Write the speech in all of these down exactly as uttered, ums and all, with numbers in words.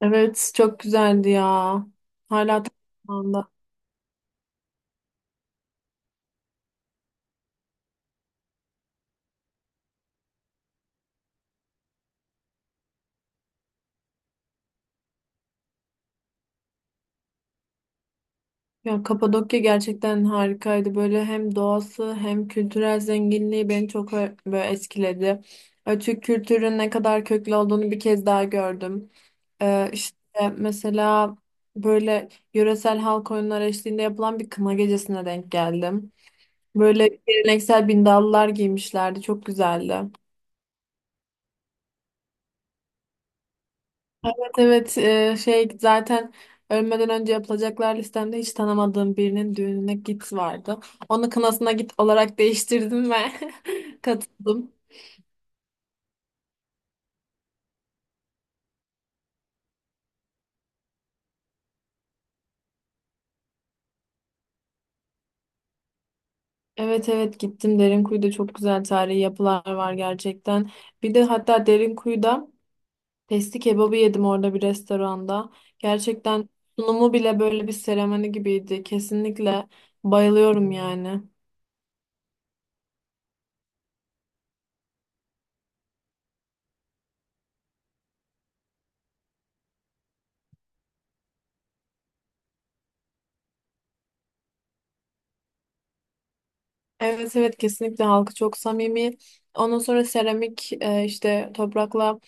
Evet, çok güzeldi ya. Hala aklımda. Ya Kapadokya gerçekten harikaydı. Böyle hem doğası hem kültürel zenginliği beni çok ö- böyle etkiledi. Ö, Türk kültürünün ne kadar köklü olduğunu bir kez daha gördüm. Ee, işte mesela böyle yöresel halk oyunları eşliğinde yapılan bir kına gecesine denk geldim. Böyle geleneksel bindallılar giymişlerdi. Çok güzeldi. Evet e, şey zaten ölmeden önce yapılacaklar listemde hiç tanımadığım birinin düğününe git vardı. Onu kınasına git olarak değiştirdim ve katıldım. Evet evet gittim Derinkuyu'da çok güzel tarihi yapılar var gerçekten. Bir de hatta Derinkuyu'da testi kebabı yedim orada bir restoranda. Gerçekten sunumu bile böyle bir seremoni gibiydi. Kesinlikle bayılıyorum yani. Evet evet kesinlikle halkı çok samimi. Ondan sonra seramik e, işte toprakla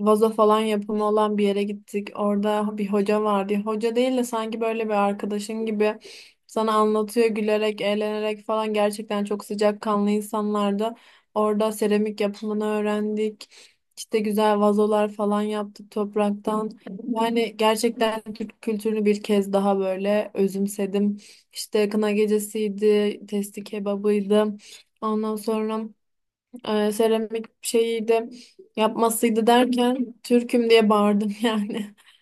vazo falan yapımı olan bir yere gittik. Orada bir hoca vardı. Hoca değil de sanki böyle bir arkadaşın gibi sana anlatıyor gülerek, eğlenerek falan. Gerçekten çok sıcakkanlı insanlardı. Orada seramik yapımını öğrendik. İşte güzel vazolar falan yaptık topraktan. Yani gerçekten Türk kültürünü bir kez daha böyle özümsedim. İşte kına gecesiydi, testi kebabıydı. Ondan sonra e, seramik şeyi de yapmasıydı derken Türk'üm diye bağırdım yani.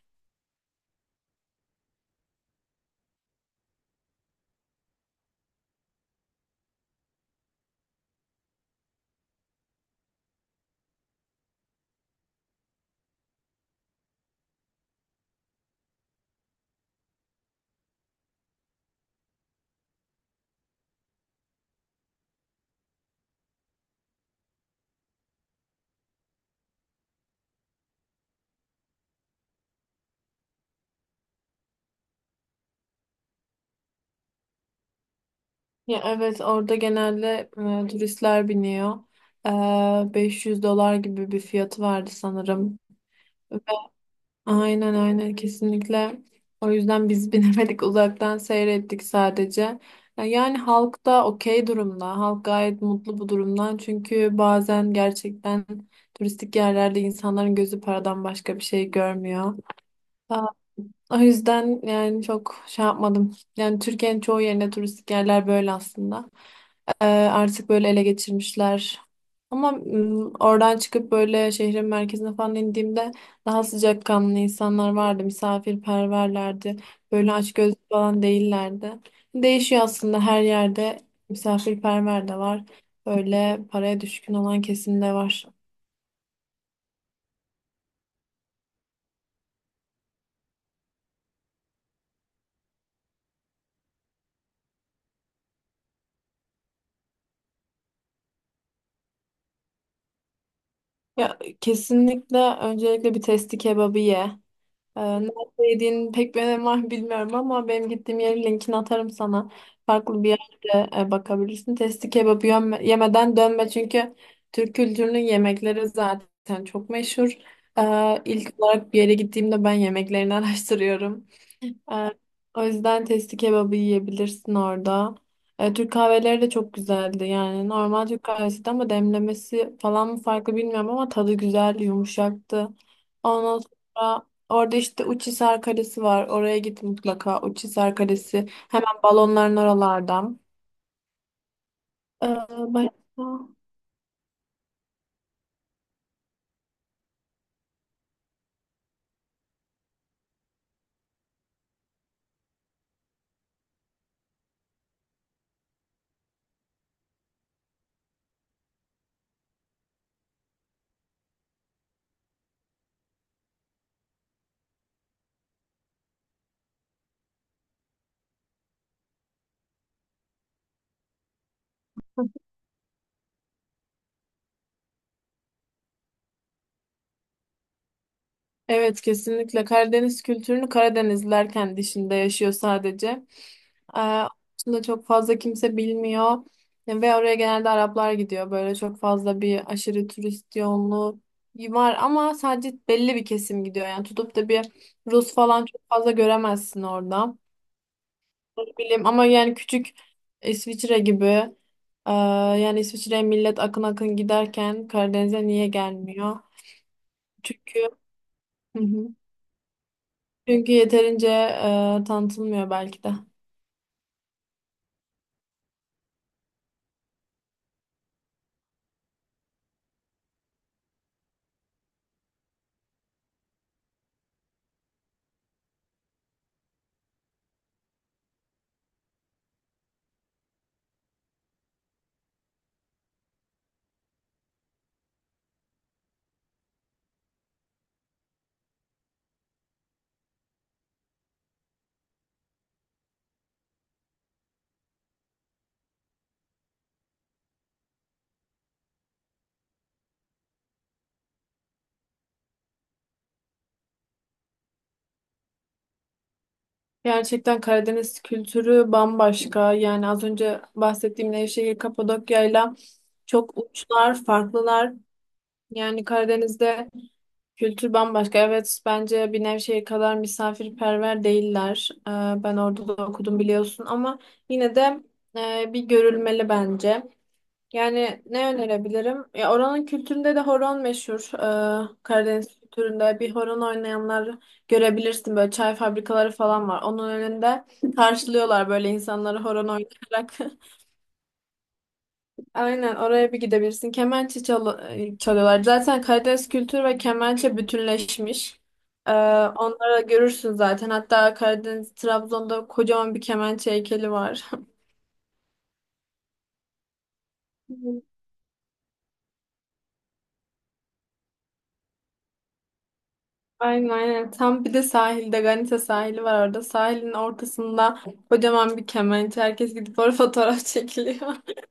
Ya evet orada genelde e, turistler biniyor. E, beş yüz dolar gibi bir fiyatı vardı sanırım. Ve aynen, aynen, kesinlikle. O yüzden biz binemedik uzaktan seyrettik sadece. E, Yani halk da okey durumda. Halk gayet mutlu bu durumdan. Çünkü bazen gerçekten turistik yerlerde insanların gözü paradan başka bir şey görmüyor. Ee, O yüzden yani çok şey yapmadım. Yani Türkiye'nin çoğu yerinde turistik yerler böyle aslında. Ee, artık böyle ele geçirmişler. Ama mm, oradan çıkıp böyle şehrin merkezine falan indiğimde daha sıcakkanlı insanlar vardı. Misafirperverlerdi. Böyle açgözlü falan değillerdi. Değişiyor aslında her yerde. Misafirperver de var. Böyle paraya düşkün olan kesim de var. Ya kesinlikle öncelikle bir testi kebabı ye. Ee, Nerede yediğinin pek bir önemi var bilmiyorum ama benim gittiğim yerin linkini atarım sana. Farklı bir yerde e, bakabilirsin. Testi kebabı yem- yemeden dönme çünkü Türk kültürünün yemekleri zaten çok meşhur. Ee, ilk olarak bir yere gittiğimde ben yemeklerini araştırıyorum. Ee, O yüzden testi kebabı yiyebilirsin orada. Ee, Türk kahveleri de çok güzeldi. Yani normal Türk kahvesi de ama demlemesi falan mı farklı bilmiyorum ama tadı güzeldi, yumuşaktı. Ondan sonra orada işte Uçhisar Kalesi var. Oraya git mutlaka. Uçhisar Kalesi hemen balonların oralardan. Ee, başka? Evet kesinlikle Karadeniz kültürünü Karadenizliler kendi içinde yaşıyor sadece. Ee, aslında çok fazla kimse bilmiyor ve oraya genelde Araplar gidiyor. Böyle çok fazla bir aşırı turist yoğunluğu var ama sadece belli bir kesim gidiyor. Yani tutup da bir Rus falan çok fazla göremezsin orada. Ne bileyim ama yani küçük İsviçre gibi e, yani İsviçre'ye millet akın akın giderken Karadeniz'e niye gelmiyor? Çünkü çünkü yeterince e, tanıtılmıyor belki de. Gerçekten Karadeniz kültürü bambaşka. Yani az önce bahsettiğim Nevşehir, Kapadokya'yla çok uçlar, farklılar. Yani Karadeniz'de kültür bambaşka. Evet, bence bir Nevşehir kadar misafirperver değiller. E, ben orada da okudum biliyorsun ama yine de e, bir görülmeli bence. Yani ne önerebilirim? Ya oranın kültüründe de horon meşhur. Ee, Karadeniz kültüründe bir horon oynayanlar görebilirsin. Böyle çay fabrikaları falan var. Onun önünde karşılıyorlar böyle insanları horon oynayarak. Aynen oraya bir gidebilirsin. Kemençe çal- çalıyorlar. Zaten Karadeniz kültürü ve kemençe bütünleşmiş. Ee, onları görürsün zaten. Hatta Karadeniz Trabzon'da kocaman bir kemençe heykeli var. Aynen aynen. Tam bir de sahilde Ganita sahili var orada. Sahilin ortasında kocaman bir kemençe. Herkes gidip orada fotoğraf çekiliyor.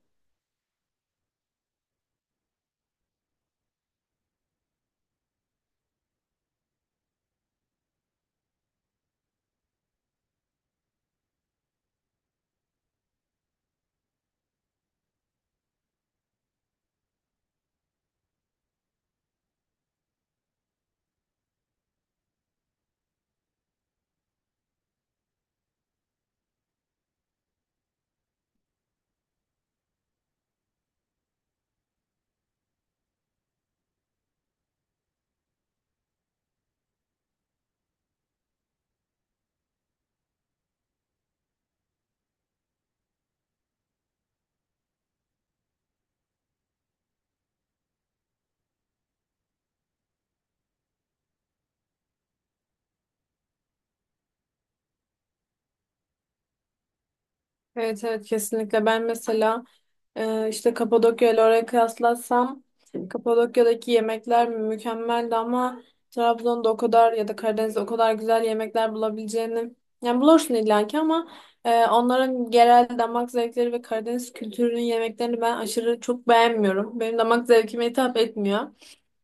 Evet evet kesinlikle. Ben mesela e, işte Kapadokya ile oraya kıyaslatsam Kapadokya'daki yemekler mükemmeldi ama Trabzon'da o kadar ya da Karadeniz'de o kadar güzel yemekler bulabileceğini yani bulursun illaki ama e, onların genel damak zevkleri ve Karadeniz kültürünün yemeklerini ben aşırı çok beğenmiyorum. Benim damak zevkime hitap etmiyor.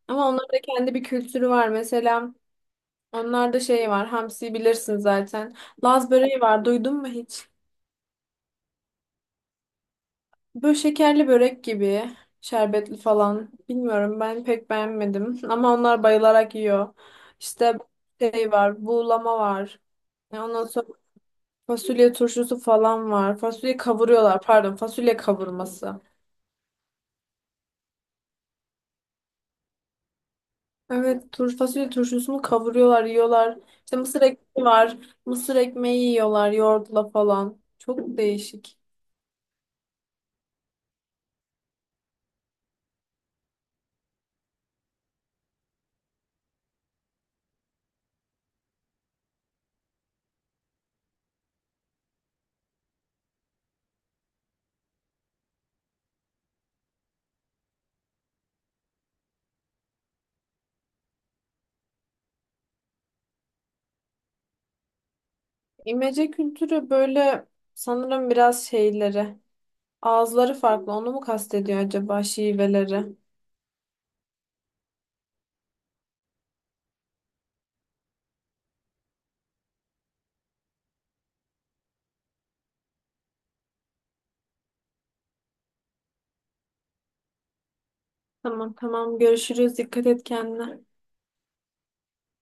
Ama onların da kendi bir kültürü var. Mesela onlarda şey var. Hamsi bilirsin zaten. Laz böreği var. Duydun mu hiç? Böyle şekerli börek gibi. Şerbetli falan. Bilmiyorum ben pek beğenmedim. Ama onlar bayılarak yiyor. İşte şey var. Buğulama var. E, Ondan sonra fasulye turşusu falan var. Fasulye kavuruyorlar. Pardon fasulye kavurması. Evet, tur fasulye turşusunu kavuruyorlar, yiyorlar. İşte mısır ekmeği var. Mısır ekmeği yiyorlar yoğurtla falan. Çok değişik. İmece kültürü böyle sanırım biraz şeyleri. Ağızları farklı. Onu mu kastediyor acaba şiveleri? Tamam tamam görüşürüz. Dikkat et kendine.